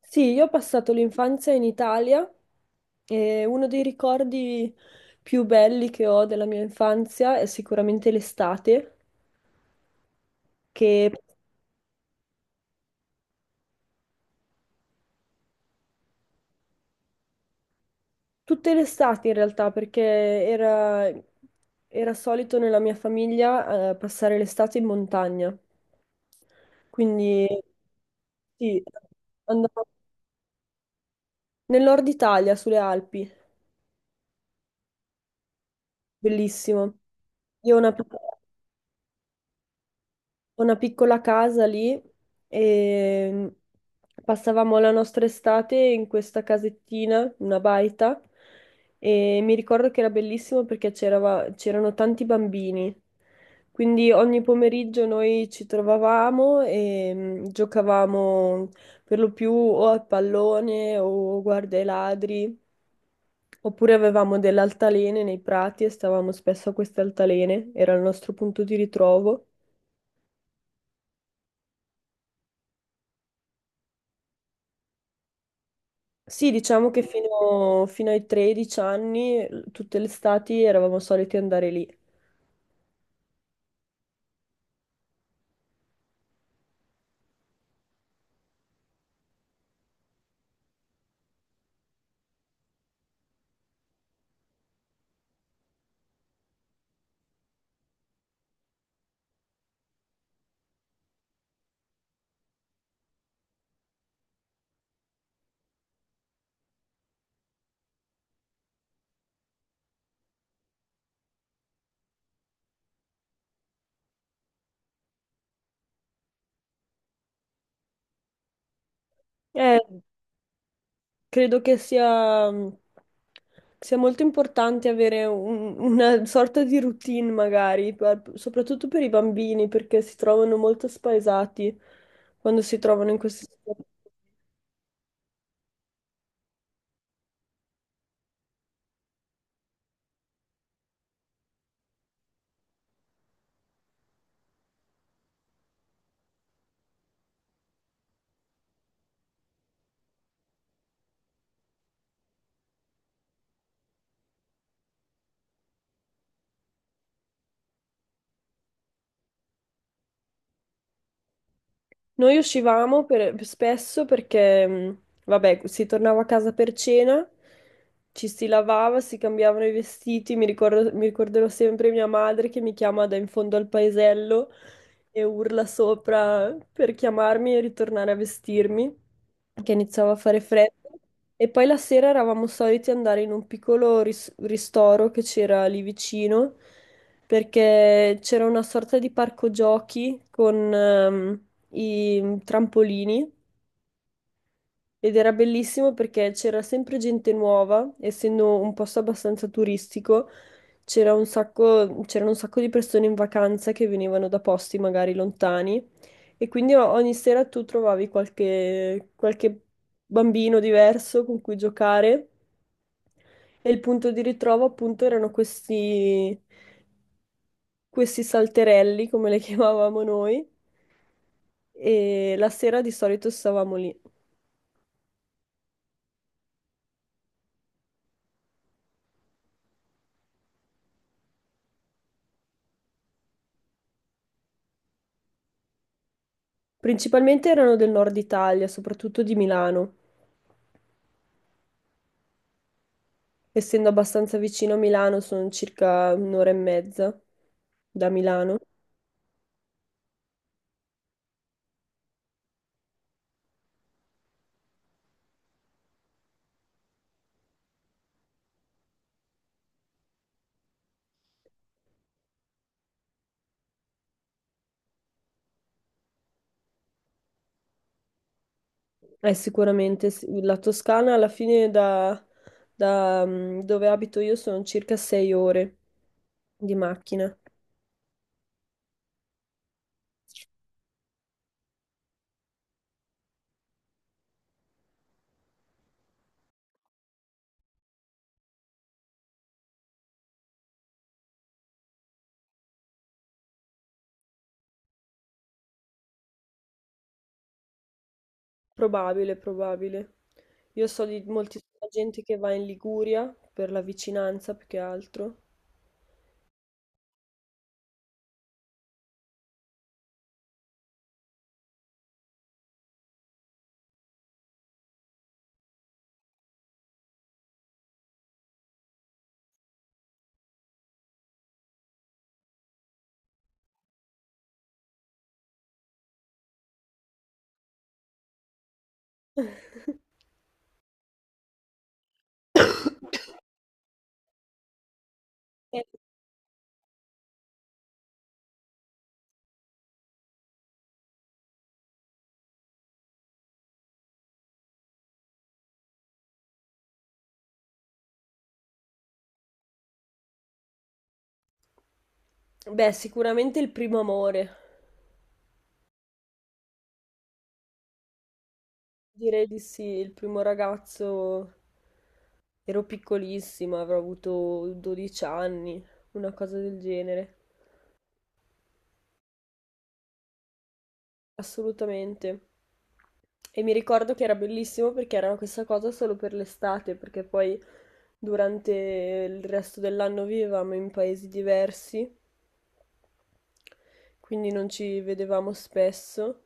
Sì, io ho passato l'infanzia in Italia e uno dei ricordi più belli che ho della mia infanzia è sicuramente l'estate, che tutte le estati in realtà, perché era solito nella mia famiglia passare l'estate in montagna. Quindi sì, andavo nel nord Italia, sulle Alpi, bellissimo. Io ho una piccola Ho una piccola casa lì e passavamo la nostra estate in questa casettina, una baita, e mi ricordo che era bellissimo perché c'erano tanti bambini. Quindi ogni pomeriggio noi ci trovavamo e giocavamo per lo più o a pallone o guarda i ladri, oppure avevamo delle altalene nei prati e stavamo spesso a queste altalene, era il nostro punto di ritrovo. Sì, diciamo che fino ai 13 anni, tutte le estati eravamo soliti andare lì. Eh, credo che sia molto importante avere una sorta di routine, magari, soprattutto per i bambini, perché si trovano molto spaesati quando si trovano in queste situazioni. Noi uscivamo spesso perché, vabbè, si tornava a casa per cena, ci si lavava, si cambiavano i vestiti. Mi ricorderò sempre mia madre che mi chiama da in fondo al paesello e urla sopra per chiamarmi e ritornare a vestirmi che iniziava a fare freddo e poi la sera eravamo soliti andare in un piccolo ristoro che c'era lì vicino perché c'era una sorta di parco giochi con i trampolini ed era bellissimo perché c'era sempre gente nuova, essendo un posto abbastanza turistico, c'erano un sacco di persone in vacanza che venivano da posti magari lontani e quindi ogni sera tu trovavi qualche bambino diverso con cui giocare e il punto di ritrovo appunto erano questi, questi salterelli, come le chiamavamo noi, e la sera di solito stavamo lì. Principalmente erano del nord Italia, soprattutto di Milano. Essendo abbastanza vicino a Milano, sono circa un'ora e mezza da Milano. Sicuramente sì. La Toscana alla fine da, dove abito io sono circa 6 ore di macchina. Probabile, probabile. Io so di moltissima gente che va in Liguria per la vicinanza più che altro. Eh, Beh, sicuramente il primo amore. Direi di sì, il primo ragazzo ero piccolissima, avrò avuto 12 anni, una cosa del genere. Assolutamente. E mi ricordo che era bellissimo perché era questa cosa solo per l'estate, perché poi durante il resto dell'anno vivevamo in paesi diversi, quindi non ci vedevamo spesso,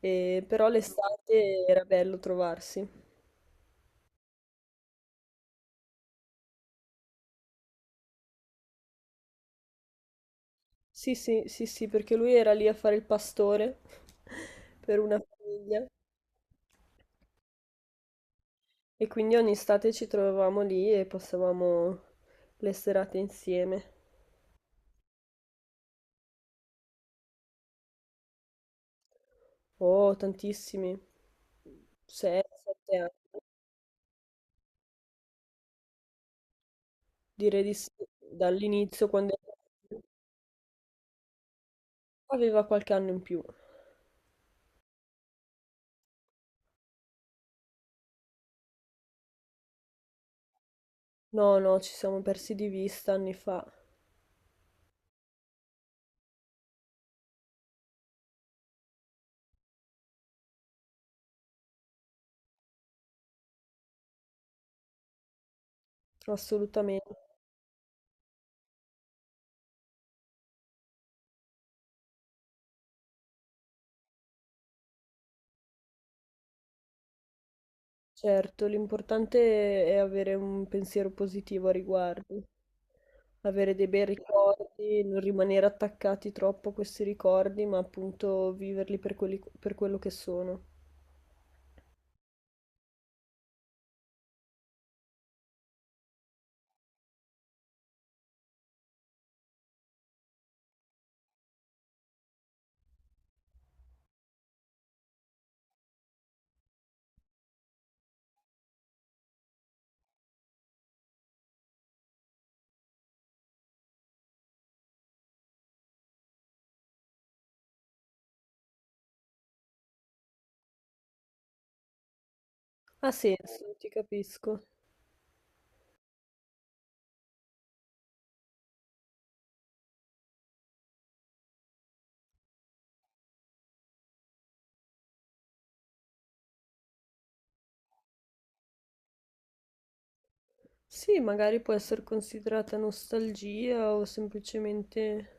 però l'estate era bello trovarsi. Sì, sì, sì, sì, perché lui era lì a fare il pastore per una famiglia e quindi ogni estate ci trovavamo lì e passavamo le serate insieme. Oh, tantissimi. 6, 7 anni. Direi di sì, dall'inizio quando aveva qualche anno in più. No, no, ci siamo persi di vista anni fa, assolutamente. Certo, l'importante è avere un pensiero positivo a riguardo, avere dei bei ricordi, non rimanere attaccati troppo a questi ricordi, ma appunto viverli per per quello che sono. Ha senso, ti capisco. Sì, magari può essere considerata nostalgia o semplicemente...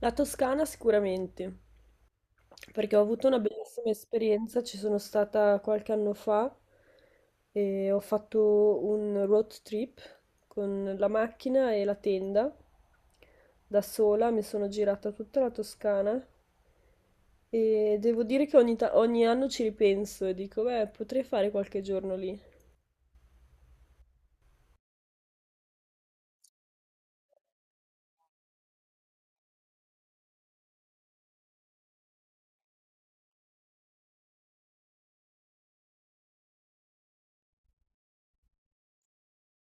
La Toscana sicuramente, perché ho avuto una bellissima esperienza, ci sono stata qualche anno fa e ho fatto un road trip con la macchina e la tenda. Da sola mi sono girata tutta la Toscana e devo dire che ogni anno ci ripenso e dico, beh, potrei fare qualche giorno lì.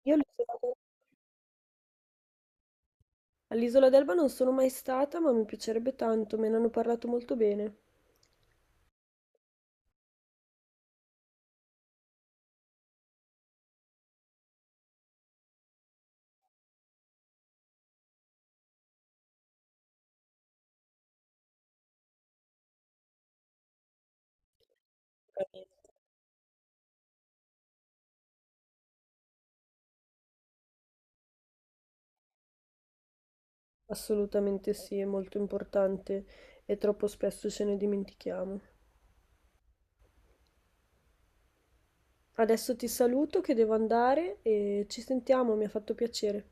Io lo so. All'isola d'Elba non sono mai stata, ma mi piacerebbe tanto, me ne hanno parlato molto bene. Veramente. Assolutamente sì, è molto importante e troppo spesso ce ne dimentichiamo. Adesso ti saluto che devo andare e ci sentiamo, mi ha fatto piacere.